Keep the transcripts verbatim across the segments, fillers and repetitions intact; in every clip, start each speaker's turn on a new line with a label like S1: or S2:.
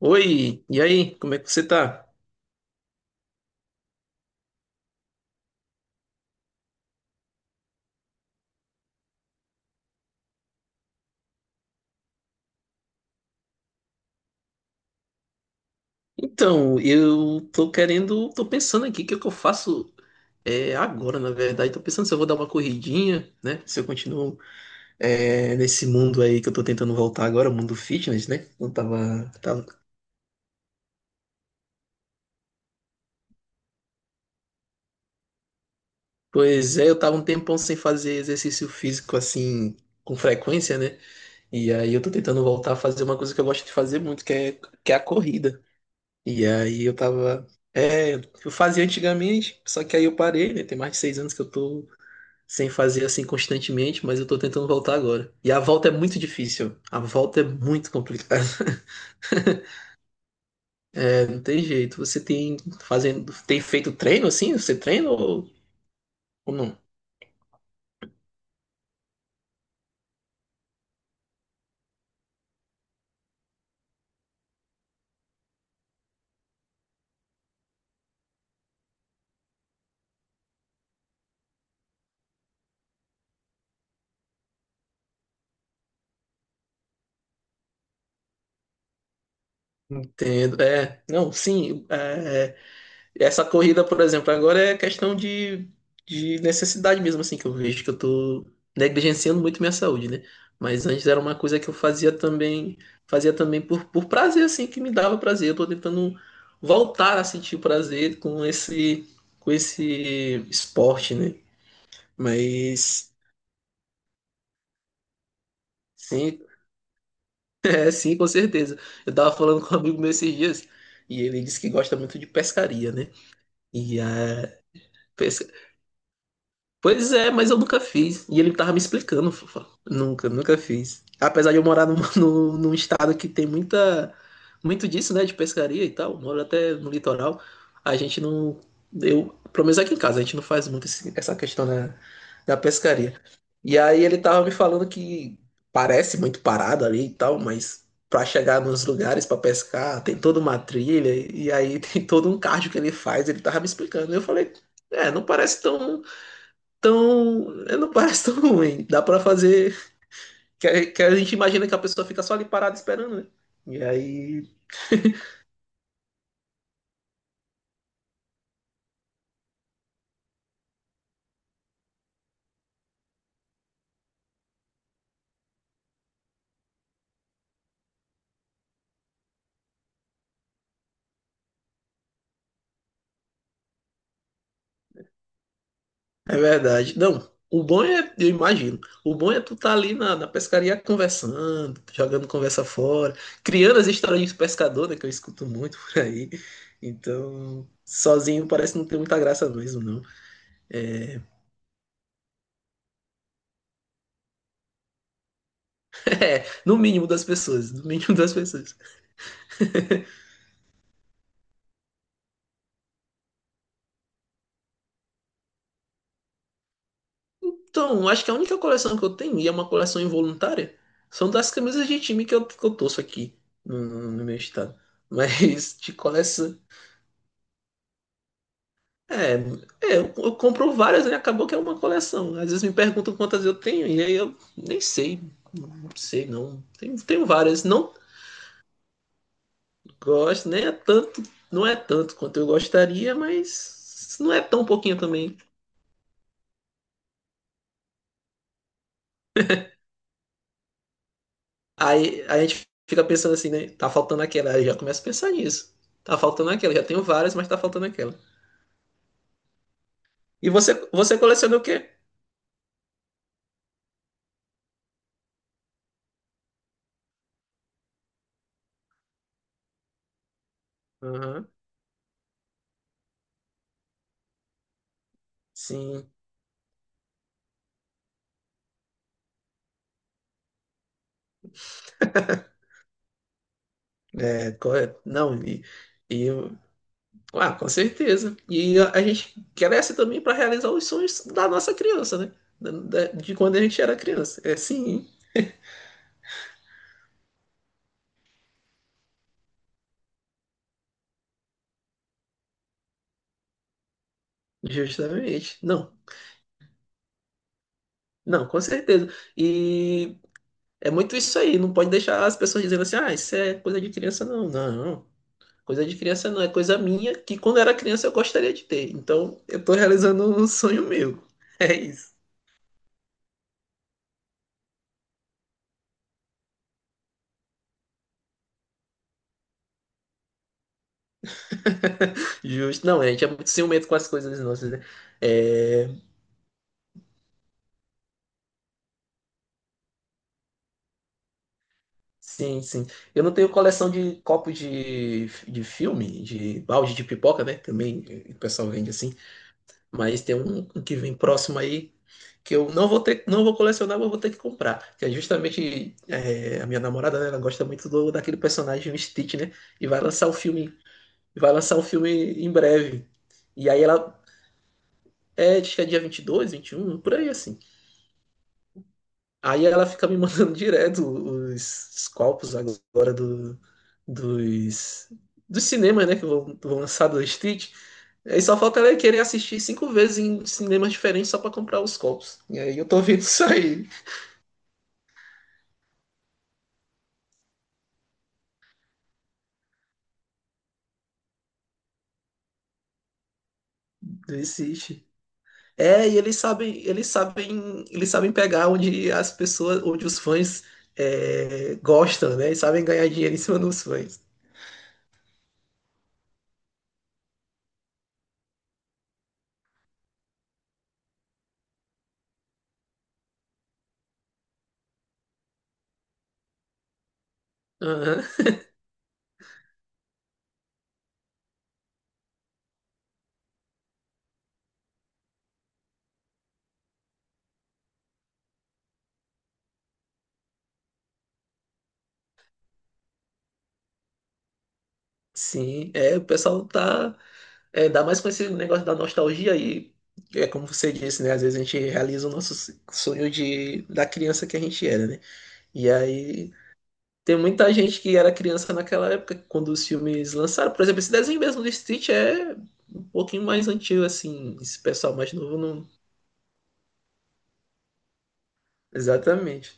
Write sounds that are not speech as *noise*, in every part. S1: Oi, e aí, como é que você tá? Então, eu tô querendo, tô pensando aqui o que é que eu faço é, agora, na verdade. Tô pensando se eu vou dar uma corridinha, né? Se eu continuo é, nesse mundo aí que eu tô tentando voltar agora, o mundo fitness, né? Eu tava, tava... Pois é, eu tava um tempão sem fazer exercício físico assim, com frequência, né? E aí eu tô tentando voltar a fazer uma coisa que eu gosto de fazer muito, que é, que é a corrida. E aí eu tava. É, eu fazia antigamente, só que aí eu parei, né? Tem mais de seis anos que eu tô sem fazer assim constantemente, mas eu tô tentando voltar agora. E a volta é muito difícil. A volta é muito complicada. *laughs* É, não tem jeito. Você tem fazendo, tem feito treino assim? Você treina ou, ou não? Entendo. É, não, sim. é, Essa corrida, por exemplo, agora é questão de, de necessidade mesmo, assim, que eu vejo que eu tô negligenciando muito minha saúde, né? Mas antes era uma coisa que eu fazia também, fazia também por, por prazer, assim, que me dava prazer. Eu tô tentando voltar a sentir prazer com esse, com esse esporte, né? Mas sim, é sim, com certeza. Eu tava falando com um amigo meu esses dias e ele disse que gosta muito de pescaria, né? E a Pois é, mas eu nunca fiz. E ele tava me explicando, fofa. Nunca, nunca fiz. Apesar de eu morar num, *laughs* num, num estado que tem muita, muito disso, né, de pescaria e tal, moro até no litoral, a gente não, eu, pelo menos aqui em casa, a gente não faz muito esse- essa questão da, da pescaria. E aí ele tava me falando que parece muito parado ali e tal, mas pra chegar nos lugares pra pescar, tem toda uma trilha, e aí *laughs* tem todo um cardio que ele faz, ele tava me explicando. Eu falei, é, não parece tão tão. né, Não parece tão ruim. Dá pra fazer. Que a, que a gente imagina que a pessoa fica só ali parada esperando, né? E aí. *laughs* É verdade. Não, o bom é, eu imagino, o bom é tu tá ali na, na pescaria conversando, jogando conversa fora, criando as histórias de pescador, né, que eu escuto muito por aí. Então, sozinho parece não ter muita graça mesmo, não. É, *laughs* é, no mínimo das pessoas, no mínimo das pessoas. Então, acho que a única coleção que eu tenho, e é uma coleção involuntária, são das camisas de time que eu, que eu torço aqui no, no- no meu estado. *laughs* Mas de coleção. É, é, eu, eu compro várias, né? Acabou que é uma coleção. Às vezes me perguntam quantas eu tenho, e aí eu nem sei. Não sei, não. Tenho, tenho várias. Não gosto, nem é tanto, não é tanto quanto eu gostaria, mas não é tão pouquinho também. Aí a gente fica pensando assim, né? Tá faltando aquela. Aí já começa a pensar nisso. Tá faltando aquela. Já tenho várias, mas tá faltando aquela. E você, você coleciona o quê? Aham, sim. É, correto. Não, e, e. Ah, com certeza. E a, a gente cresce também para realizar os sonhos da nossa criança, né? Da- da- de quando a gente era criança. É, sim, justamente. Não, não, com certeza. E é muito isso aí. Não pode deixar as pessoas dizendo assim, ah, isso é coisa de criança, não. Não. Coisa de criança não, é coisa minha que quando era criança eu gostaria de ter. Então eu tô realizando um sonho meu. É isso. *laughs* Justo. Não, a gente é muito ciumento com as coisas nossas, né? É... Sim, sim. Eu não tenho coleção de copos de, de filme, de balde de pipoca, né? Também o pessoal vende assim. Mas tem um um que vem próximo aí que eu não vou ter, não vou colecionar, mas vou ter que comprar. Que é justamente é, a minha namorada, né? Ela gosta muito do, daquele personagem, o Stitch, né? E vai lançar o filme Vai lançar o filme em breve. E aí ela. É, acho que é dia vinte e dois, um por aí assim. Aí ela fica me mandando *laughs* direto os, os copos agora do, dos, dos cinemas, né? Que vão, vão lançar do Street. Aí só falta ela querer assistir cinco vezes em cinemas diferentes só pra comprar os copos. E aí eu tô vendo *laughs* isso aí do Street. É, e eles sabem, eles sabem, eles sabem pegar onde as pessoas, onde os fãs é, gostam, né? E sabem ganhar dinheiro em cima dos fãs. Aham, sim, é, o pessoal tá, é, dá mais com esse negócio da nostalgia aí, é como você disse, né, às vezes a gente realiza o nosso sonho de, da criança que a gente era, né, e aí tem muita gente que era criança naquela época, quando os filmes lançaram, por exemplo, esse desenho mesmo do Stitch é um pouquinho mais antigo, assim, esse pessoal mais novo não... Exatamente.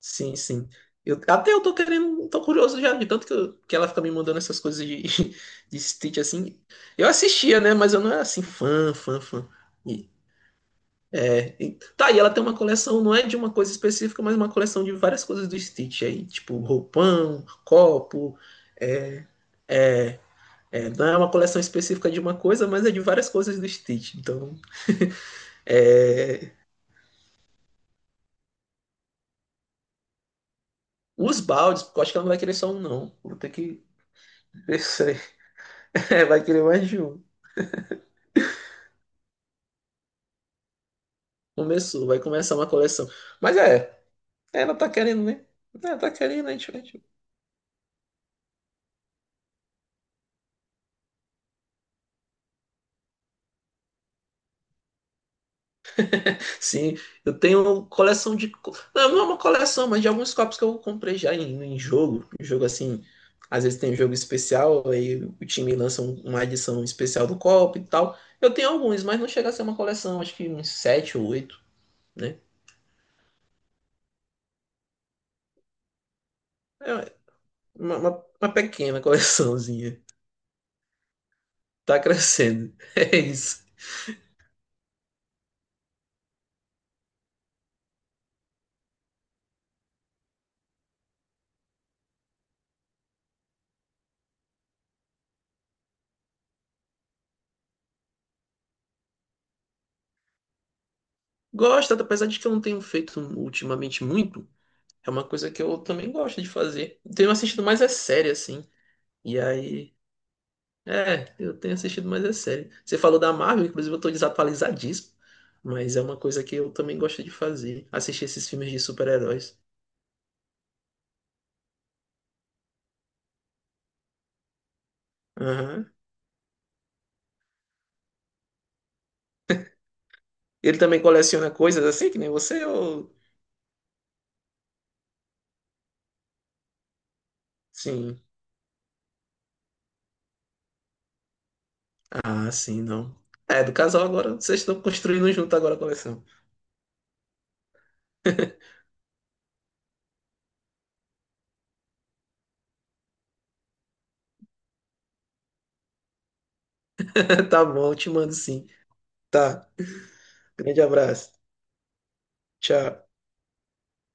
S1: Sim, sim. Eu, até eu tô querendo, tô curioso já, de tanto que, eu- que ela fica me mandando essas coisas de, *laughs* de Stitch assim. Eu assistia, né? Mas eu não era assim, fã, fã, fã. E, é, e- tá, e ela tem uma coleção, não é de uma coisa específica, mas uma coleção de várias coisas do Stitch aí, tipo roupão, copo. É, é, é, não é uma coleção específica de uma coisa, mas é de várias coisas do Stitch. Então, é, os baldes, porque eu acho que ela não vai querer só um, não. Vou ter que ver se *laughs* vai querer mais de um. Começou, vai começar uma coleção. Mas é, ela tá querendo, né? Ela tá querendo, a gente, a gente- Sim, eu tenho uma coleção de. co- Não, não é uma coleção, mas de alguns copos que eu comprei já em, em jogo. Em jogo assim. Às vezes tem um jogo especial, aí o time lança um- uma edição especial do copo e tal. Eu tenho alguns, mas não chega a ser uma coleção, acho que uns sete ou oito, né? É uma, uma, uma pequena *laughs* coleçãozinha. Tá crescendo. *laughs* É isso. Gosto, apesar de que eu não tenho feito ultimamente muito. É uma coisa que eu também gosto de fazer. Tenho assistido mais é série, assim. E aí. É, eu tenho assistido mais é série. Você falou da Marvel, inclusive eu tô desatualizadíssimo. Mas é uma coisa que eu também gosto de fazer. Assistir esses filmes de super-heróis. Aham. Ele também coleciona coisas assim, que nem você, ou. Sim. Ah, sim, não. É, do casal agora, vocês estão construindo junto agora a coleção. *laughs* Tá bom, eu te mando sim. Tá. Grande abraço. Tchau.